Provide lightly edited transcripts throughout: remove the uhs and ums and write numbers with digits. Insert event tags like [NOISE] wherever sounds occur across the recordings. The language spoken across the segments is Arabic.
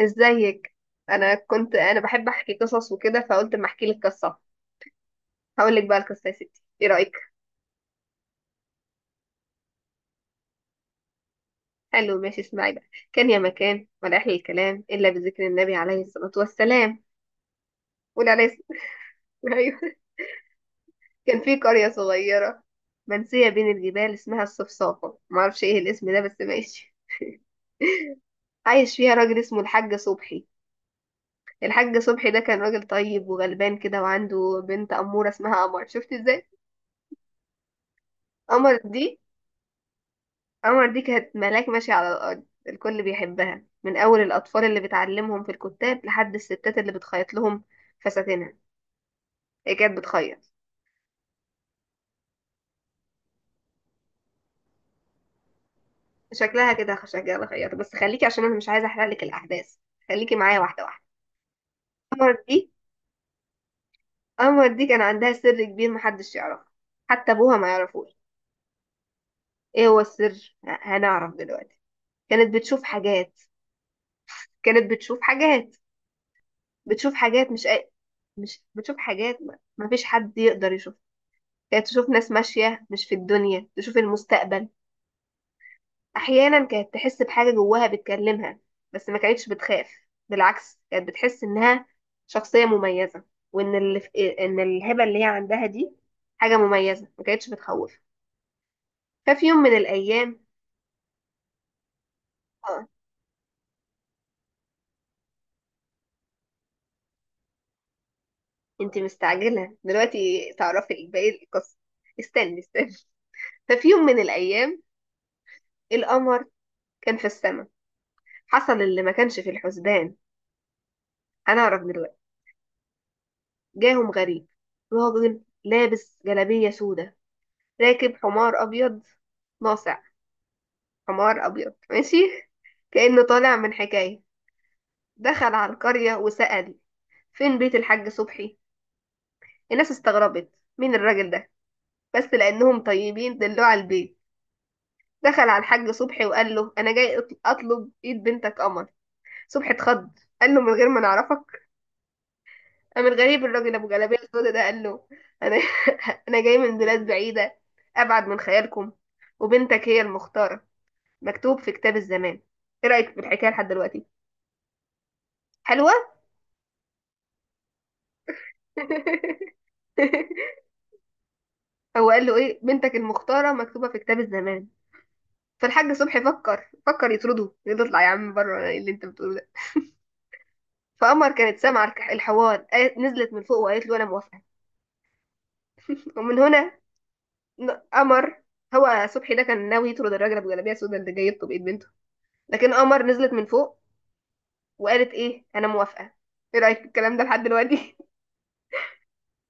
ازيك؟ انا بحب احكي قصص وكده، فقلت اما احكي لك قصه. هقول لك بقى القصه يا ستي، ايه رايك؟ حلو، ماشي، اسمعي بقى. كان يا مكان، ولا احلى الكلام الا بذكر النبي عليه الصلاه والسلام. قول عليه الصلاه. [LAUGHS] ايوه. كان في قريه صغيره منسيه بين الجبال، اسمها الصفصافه. ما اعرفش ايه الاسم ده، بس ماشي. عايش فيها راجل اسمه الحاج صبحي. الحاج صبحي ده كان راجل طيب وغلبان كده، وعنده بنت اموره اسمها قمر. شفت ازاي؟ قمر دي عمر دي كانت ملاك ماشية على الأرض، الكل بيحبها، من أول الأطفال اللي بتعلمهم في الكتاب لحد الستات اللي بتخيط لهم فساتينها. هي كانت بتخيط، شكلها كده شكلها خياطة، بس خليكي، عشان أنا مش عايزة أحرق لك الأحداث. خليكي معايا واحدة واحدة. قمر دي قمر دي كان عندها سر كبير محدش يعرفه، حتى أبوها ما يعرفوش. إيه هو السر؟ هنعرف دلوقتي. كانت بتشوف حاجات. كانت بتشوف حاجات. بتشوف حاجات مش أي... مش بتشوف حاجات، ما فيش حد يقدر يشوفها. كانت تشوف ناس ماشية مش في الدنيا، تشوف المستقبل. أحيانا كانت تحس بحاجة جواها بتكلمها، بس ما كانتش بتخاف، بالعكس، كانت بتحس إنها شخصية مميزة، وإن اللي في... إن الهبة اللي هي عندها دي حاجة مميزة، ما كانتش بتخوف. ففي يوم من الأيام، اه. أنت مستعجلة دلوقتي تعرفي باقي القصة. استني. ففي يوم من الأيام، القمر كان في السماء، حصل اللي ما كانش في الحسبان. هنعرف دلوقتي. جاهم غريب، راجل لابس جلابية سودة، راكب حمار أبيض ناصع. حمار أبيض، ماشي كأنه طالع من حكاية. دخل على القرية وسأل، فين بيت الحاج صبحي؟ الناس استغربت، مين الراجل ده؟ بس لأنهم طيبين دلوه على البيت. دخل على الحاج صبحي وقال له، أنا جاي أطلب إيد بنتك قمر. صبحي اتخض، قال له، من غير ما نعرفك؟ من؟ غريب الراجل ابو جلابيه السودا ده. قال له، انا، [LAUGHS] انا جاي من بلاد بعيده، ابعد من خيالكم، وبنتك هي المختاره، مكتوب في كتاب الزمان. ايه رايك في الحكايه لحد دلوقتي؟ حلوه. [LAUGHS] هو قال له ايه؟ بنتك المختاره مكتوبه في كتاب الزمان. فالحاج صبحي فكر يطرده، يقول له اطلع يا عم بره، إيه اللي انت بتقوله ده؟ فقمر كانت سامعه الحوار، نزلت من فوق وقالت له انا موافقه. ومن هنا، قمر. هو صبحي ده كان ناوي يطرد الراجل ابو جلابيه السودا اللي جاي يخطب ايد بنته، لكن قمر نزلت من فوق وقالت ايه؟ انا موافقه. ايه رايك في الكلام ده لحد دلوقتي؟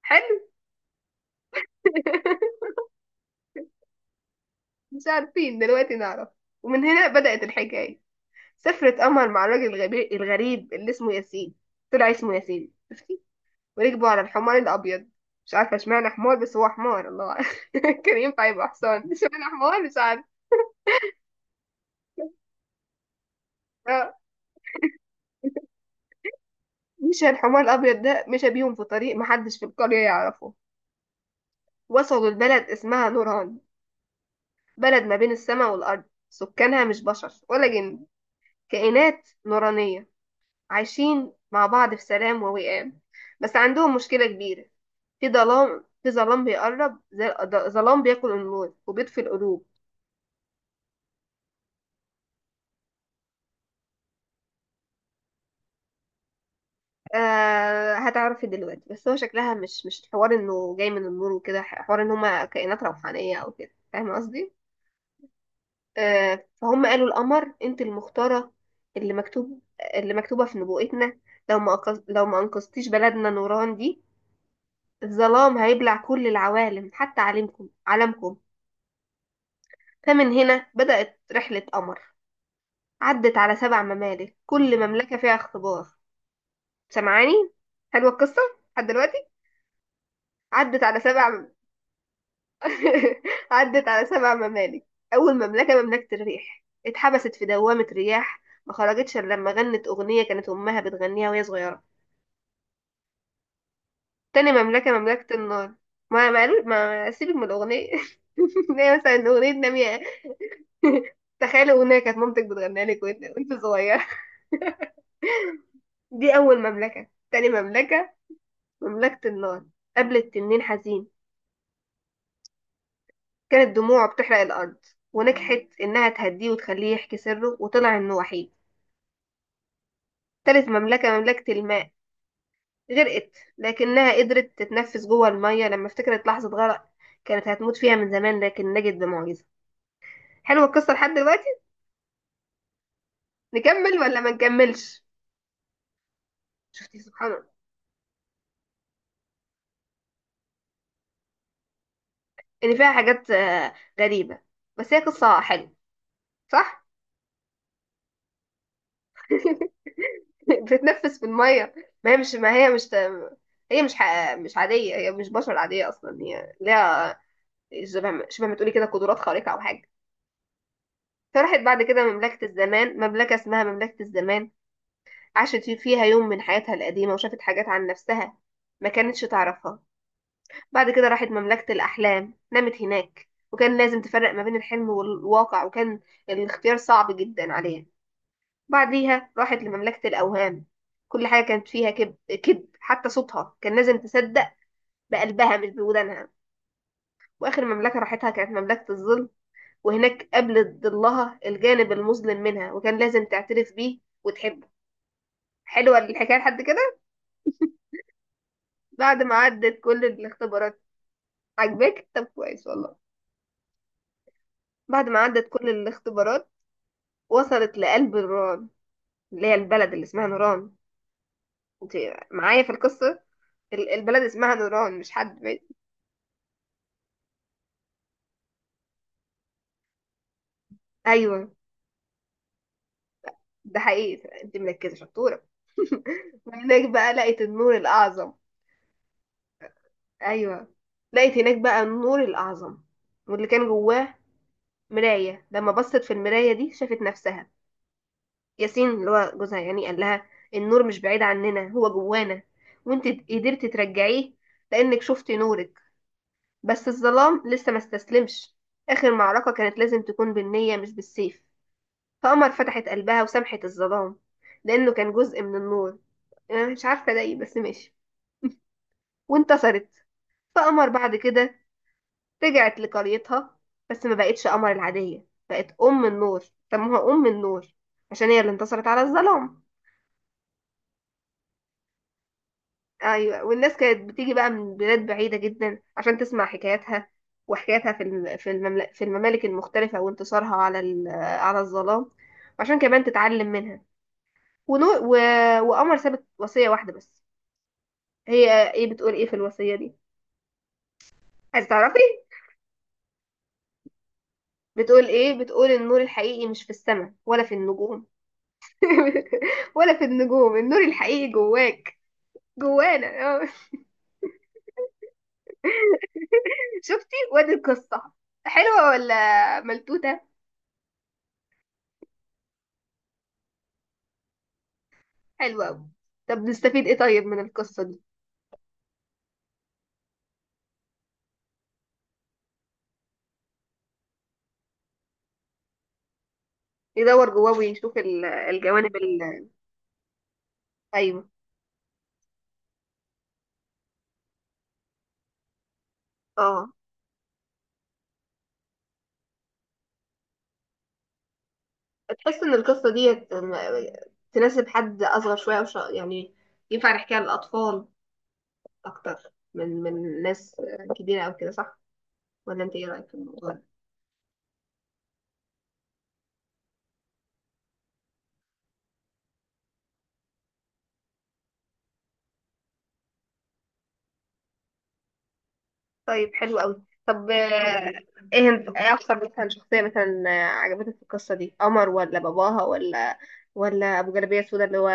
[LAUGHS] حلو. [LAUGHS] مش عارفين، دلوقتي نعرف. ومن هنا بدات الحكايه. سافرت قمر مع الراجل الغريب اللي اسمه ياسين. طلع اسمه ياسين، شفتي. وركبوا على الحمار الابيض. مش عارفه اشمعنى حمار، بس هو حمار، الله أعلم. [LAUGHS] كان ينفع يبقى حصان، اشمعنى حمار، مش عارفه. آه. مشى الحمار الابيض ده، مشى بيهم في طريق محدش في القريه يعرفه. وصلوا لبلد اسمها نوران، بلد ما بين السماء والأرض. سكانها مش بشر ولا جن، كائنات نورانية، عايشين مع بعض في سلام ووئام. بس عندهم مشكلة كبيرة، في ظلام، في ظلام بيقرب زي ظلام بياكل النور وبيطفي القلوب. آه، هتعرفي دلوقتي، بس هو شكلها مش حوار انه جاي من النور وكده، حوار ان هما كائنات روحانية او كده، فاهمة قصدي؟ آه، فهم قالوا القمر، انت المختارة، اللي مكتوب، اللي مكتوبة في نبوءتنا، لو ما أنقذ... لو ما أنقذتيش بلدنا نوران دي، الظلام هيبلع كل العوالم حتى عالمكم. عالمكم. فمن هنا بدأت رحلة قمر. عدت على سبع ممالك، كل مملكة فيها اختبار. سمعاني؟ حلوة القصة لحد دلوقتي. عدت على سبع [LAUGHS] عدت على سبع ممالك. أول مملكة، مملكة الريح، اتحبست في دوامة رياح، ما خرجتش إلا لما غنت أغنية كانت أمها بتغنيها وهي صغيرة. تاني مملكة، مملكة النار. ما سيبك من الأغنية. [LAUGHS] هي مثلا أغنية نامية. [LAUGHS] تخيلي أغنية كانت مامتك بتغنيها لك وانت صغيرة. دي أول مملكة. تاني مملكة، مملكة النار، قابلت تنين حزين، كانت دموعه بتحرق الأرض، ونجحت إنها تهديه وتخليه يحكي سره، وطلع إنه وحيد. تالت مملكة، مملكة الماء، غرقت، لكنها قدرت تتنفس جوه المية لما افتكرت لحظة غرق كانت هتموت فيها من زمان، لكن نجت بمعجزة. حلوة القصة لحد دلوقتي؟ نكمل ولا ما نكملش؟ شفتي سبحان الله، إن فيها حاجات، آه، غريبة، بس هي قصة حلوة، صح؟ [LAUGHS] بتتنفس في الميه. ما هي مش هي مش مش عاديه، هي مش بشر عاديه اصلا، هي ليها شبه شبه ما تقولي كده قدرات خارقه او حاجه. فراحت بعد كده مملكه الزمان، مملكه اسمها مملكه الزمان، عاشت فيها يوم من حياتها القديمه، وشافت حاجات عن نفسها ما كانتش تعرفها. بعد كده راحت مملكه الاحلام، نامت هناك وكان لازم تفرق ما بين الحلم والواقع، وكان الاختيار صعب جدا عليها. بعديها راحت لمملكة الأوهام، كل حاجة كانت فيها كذب، كذب، حتى صوتها كان لازم تصدق بقلبها مش بودانها. وآخر مملكة راحتها كانت مملكة الظل، وهناك قابلت ضلها، الجانب المظلم منها، وكان لازم تعترف بيه وتحبه. حلوة الحكاية لحد كده؟ بعد ما عدت كل الاختبارات، عجبك؟ طب كويس والله. بعد ما عدت كل الاختبارات وصلت لقلب نوران، اللي هي البلد اللي اسمها نوران. انت معايا في القصة؟ البلد اسمها نوران، مش حد بعيد. ايوه. ده حقيقي، انت مركزة، شطورة. [LAUGHS] وهناك بقى لقيت النور الأعظم. أيوة. لقيت هناك بقى النور الأعظم، واللي كان جواه مراية. لما بصت في المراية دي شافت نفسها. ياسين اللي هو جوزها يعني قال لها، النور مش بعيد عننا، هو جوانا، وانت قدرت ترجعيه لأنك شفتي نورك. بس الظلام لسه ما استسلمش. آخر معركة كانت لازم تكون بالنية مش بالسيف. فقمر فتحت قلبها وسامحت الظلام، لأنه كان جزء من النور. أنا مش عارفة ده ايه بس ماشي. وانتصرت. فقمر بعد كده رجعت لقريتها، بس ما بقتش قمر العادية، بقت أم النور. سموها أم النور، عشان هي اللي انتصرت على الظلام. أيوة. والناس كانت بتيجي بقى من بلاد بعيدة جدا عشان تسمع حكاياتها، وحكاياتها في في الممالك المختلفة، وانتصارها على الظلام، وعشان كمان تتعلم منها. ونور و... وقمر سابت وصية واحدة بس. هي ايه؟ بتقول ايه في الوصية دي؟ عايزة تعرفي؟ بتقول ايه؟ بتقول النور الحقيقي مش في السماء ولا في النجوم. [LAUGHS] ولا في النجوم، النور الحقيقي جواك، جوانا. آه. شفتي؟ وادي القصة، حلوة ولا ملتوتة؟ حلوة أوي. طب نستفيد ايه طيب من القصة دي؟ يدور جواه، ويشوف الجوانب أيوة، اه. تحس ان القصة دي تناسب حد أصغر شوية، وش... يعني ينفع نحكيها للأطفال أكتر من من ناس كبيرة أو كده، صح؟ ولا أنت ايه رأيك في الموضوع ده؟ طيب، حلو قوي. طب، آه، ايه، ايه اكتر مثلا شخصية مثلا، آه، عجبتك في القصة دي؟ قمر ولا باباها ولا ولا ابو جلابية سودا اللي هو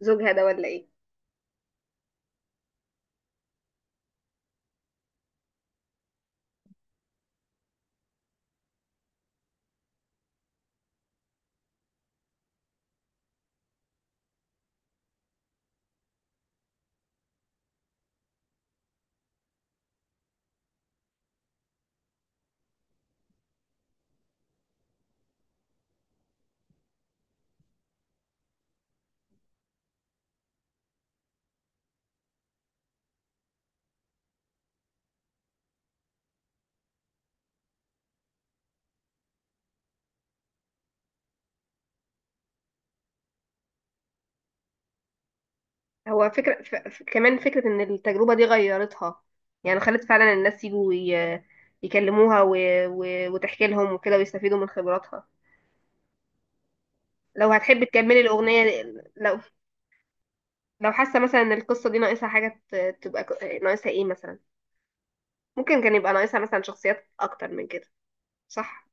زوجها ده، ولا ايه؟ هو فكرة ف... كمان فكرة ان التجربة دي غيرتها، يعني خلت فعلا الناس يجوا ي... يكلموها و... و... وتحكي لهم وكده ويستفيدوا من خبراتها. لو هتحب تكملي الأغنية، لو، لو حاسة مثلا ان القصة دي ناقصها حاجة تبقى ناقصها ايه مثلا؟ ممكن كان يبقى ناقصها مثلا شخصيات اكتر من كده، صح؟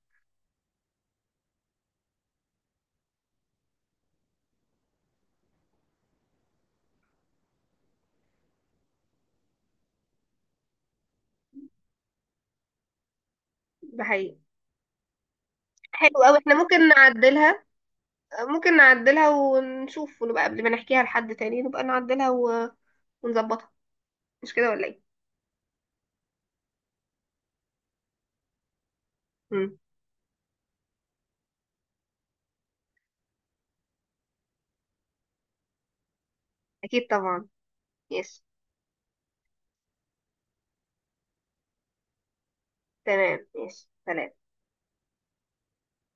ده حقيقي. حلو قوي، احنا ممكن نعدلها. ممكن نعدلها ونشوف، ونبقى قبل ما نحكيها لحد تاني نبقى نعدلها و... ونظبطها، مش كده ولا ايه؟ مم. اكيد طبعا. يس. تمام، يس، سلام.